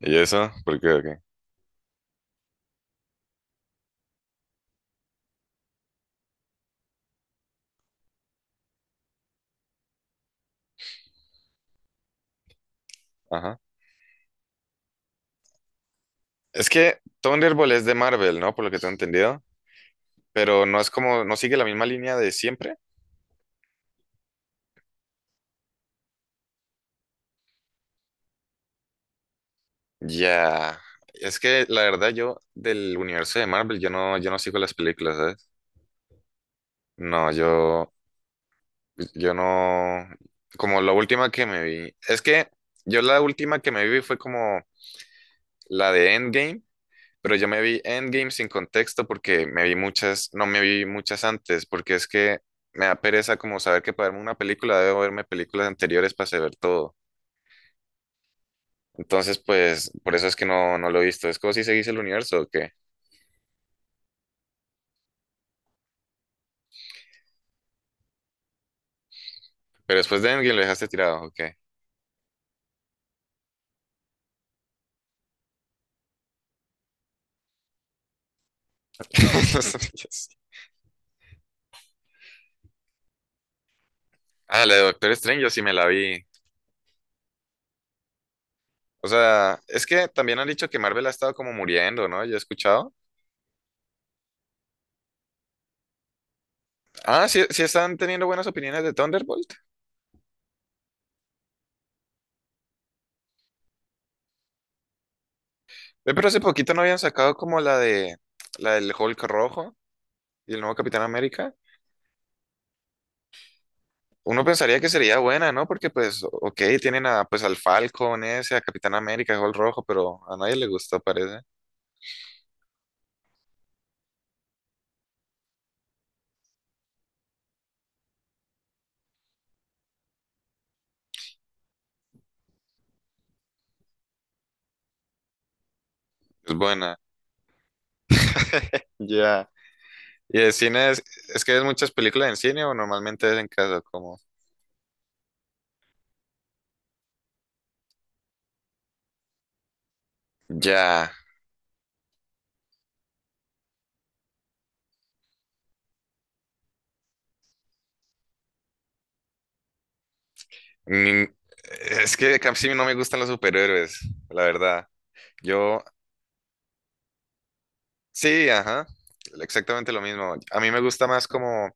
¿Y eso? ¿Por qué? ¿O qué? Ajá. Es que Thunderbolt es de Marvel, ¿no? Por lo que tengo entendido. Pero no es como, no sigue la misma línea de siempre. Ya. Es que la verdad yo del universo de Marvel, yo no sigo las películas, ¿sabes? No, yo no. Como la última que me vi. Es que yo la última que me vi fue como la de Endgame. Pero yo me vi Endgame sin contexto porque me vi muchas, no me vi muchas antes, porque es que me da pereza como saber que para verme una película debo verme películas anteriores para saber todo. Entonces, pues, por eso es que no lo he visto. Es como si seguís el universo o qué. Pero después de Endgame lo dejaste tirado, ¿o qué? No sabía eso. Ah, la de Doctor Strange yo sí me la vi. O sea, es que también han dicho que Marvel ha estado como muriendo, ¿no? Yo he escuchado. Ah, sí, sí están teniendo buenas opiniones de Thunderbolt. Ve, pero hace poquito no habían sacado como la del Hulk rojo y el nuevo Capitán América. Uno pensaría que sería buena, ¿no? Porque pues, ok, tienen a, pues al Falcon ese, a Capitán América, Hulk Rojo, pero a nadie le gustó, parece. Es buena. Ya. ¿Y el cine es que ves muchas películas en cine o normalmente es en casa? Como, ya. Ni- es que casi no me gustan los superhéroes, la verdad. Yo, sí, ajá, exactamente lo mismo. A mí me gusta más como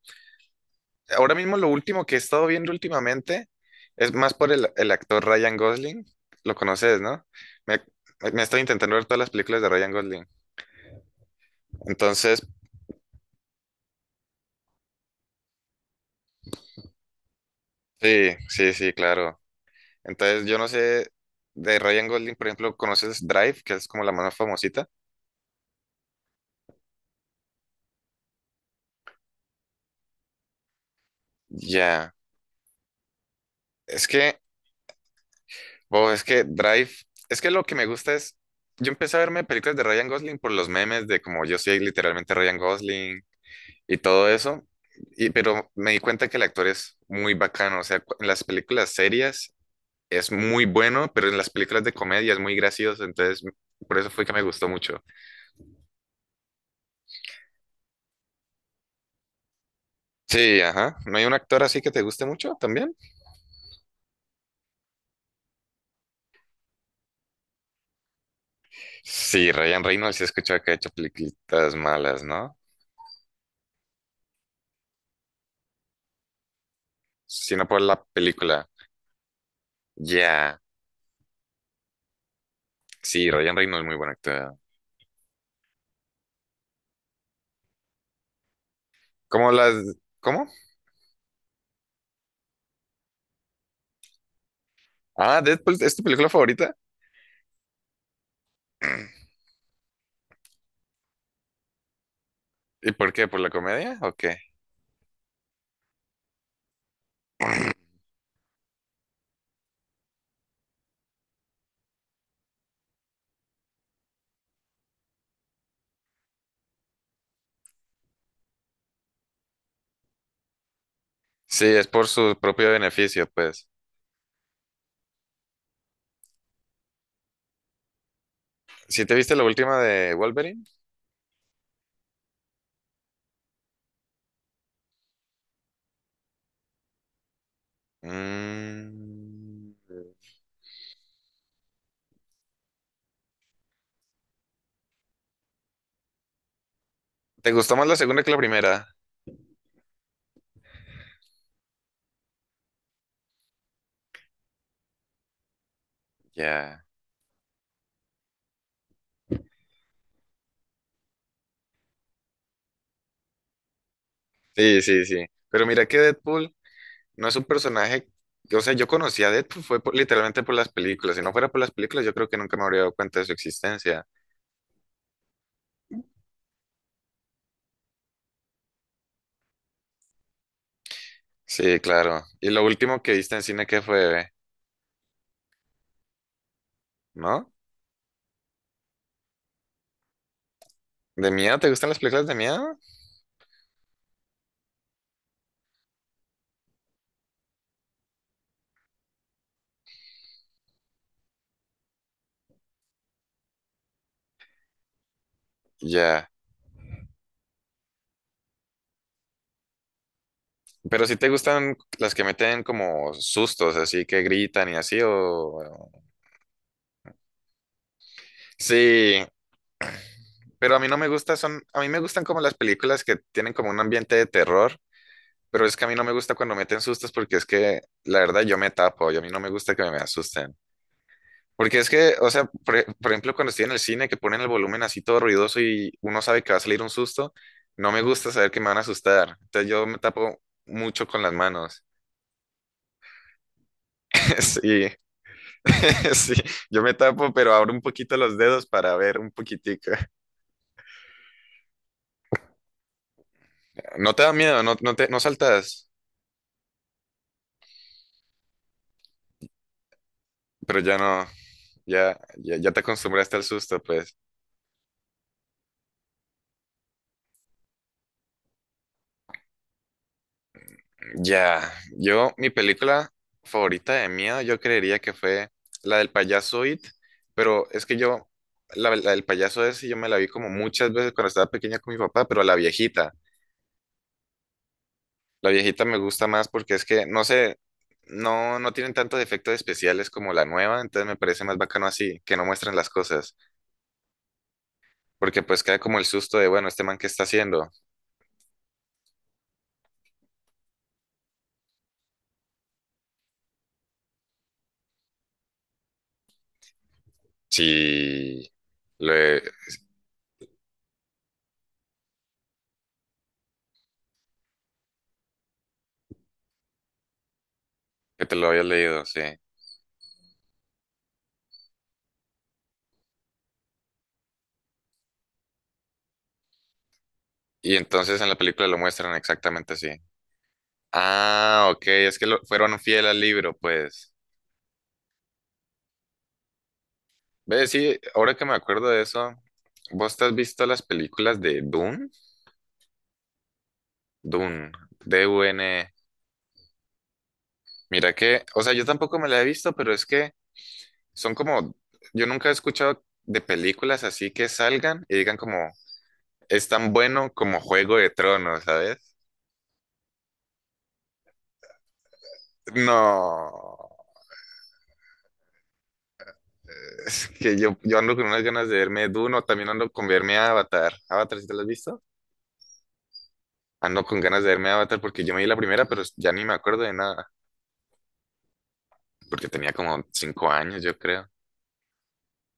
ahora mismo lo último que he estado viendo últimamente es más por el actor Ryan Gosling. Lo conoces, ¿no? Me, me estoy intentando ver todas las películas de Ryan Gosling. Entonces, sí, sí, sí, claro. Entonces, yo no sé, de Ryan Gosling, por ejemplo, ¿conoces Drive, que es como la más famosita? Ya. Es que, wow, es que Drive, es que lo que me gusta es, yo empecé a verme películas de Ryan Gosling por los memes de como yo soy literalmente Ryan Gosling y todo eso. Y, pero me di cuenta que el actor es muy bacano, o sea, en las películas serias es muy bueno, pero en las películas de comedia es muy gracioso, entonces por eso fue que me gustó mucho. Sí, ajá. ¿No hay un actor así que te guste mucho también? Sí, Ryan Reynolds, sí he escuchado que ha hecho películas malas, ¿no? Sino por la película. Ya. Sí, Ryan Reynolds es muy buen actor. ¿Cómo las... ¿Cómo? Ah, Deadpool, ¿es tu película favorita? ¿Y por qué? ¿Por la comedia o qué? Sí, es por su propio beneficio, pues. ¿Si te viste la última de Wolverine? Mm. ¿Te gustó más la segunda que la primera? Ya. Sí, sí, sí. Pero mira que Deadpool no es un personaje. O sea, yo conocí a Deadpool fue por- literalmente por las películas. Si no fuera por las películas, yo creo que nunca me habría dado cuenta de su existencia. Sí, claro. ¿Y lo último que viste en cine qué fue? ¿No? ¿De miedo? ¿Te gustan las películas de miedo? Ya. Pero si te gustan las que meten como sustos, así que gritan y así, o, sí, pero a mí no me gusta, son, a mí me gustan como las películas que tienen como un ambiente de terror, pero es que a mí no me gusta cuando meten sustos porque es que la verdad yo me tapo y a mí no me gusta que me asusten. Porque es que, o sea, por, por ejemplo, cuando estoy en el cine que ponen el volumen así todo ruidoso y uno sabe que va a salir un susto, no me gusta saber que me van a asustar. Entonces yo me tapo mucho con las manos. Sí, sí, yo me tapo, pero abro un poquito los dedos para ver un poquitico. No te da miedo, no saltas, pero ya no. Ya, ya, ya te acostumbraste al susto, pues. Ya, yo, mi película favorita de miedo, yo creería que fue la del payaso It, pero es que yo, la del payaso ese, yo me la vi como muchas veces cuando estaba pequeña con mi papá, pero la viejita me gusta más porque es que, no sé, no tienen tantos efectos especiales como la nueva, entonces me parece más bacano así, que no muestran las cosas, porque pues queda como el susto de, bueno, este man, ¿qué está haciendo? Sí, lo he- que te lo había leído, sí. Y entonces en la película lo muestran exactamente así. Ah, ok, fueron fiel al libro, pues. Ve, sí, ahora que me acuerdo de eso, ¿vos te has visto las películas de Dune? Dune, DUN. Mira que, o sea, yo tampoco me la he visto, pero es que son como, yo nunca he escuchado de películas así que salgan y digan como, es tan bueno como Juego de Tronos, ¿sabes? No, es que yo ando con unas ganas de verme Dune o también ando con verme Avatar. ¿Avatar si te lo has visto? Ando con ganas de verme Avatar porque yo me vi la primera, pero ya ni me acuerdo de nada, porque tenía como 5 años, yo creo.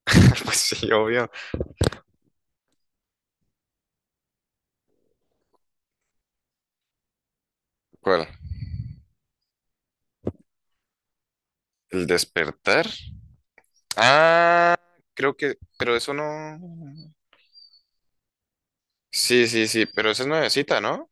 Pues sí, obvio. ¿Cuál? ¿El despertar? Ah, creo que, pero eso no. Sí, sí, sí, pero esa es nuevecita, ¿no?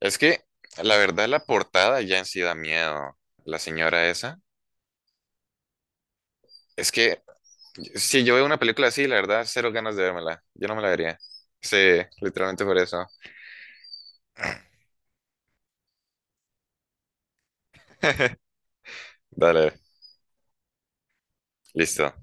Es que la verdad la portada ya en sí da miedo, la señora esa. Es que si yo veo una película así, la verdad, cero ganas de vérmela. Yo no me la vería. Sí, literalmente por eso. Dale, listo.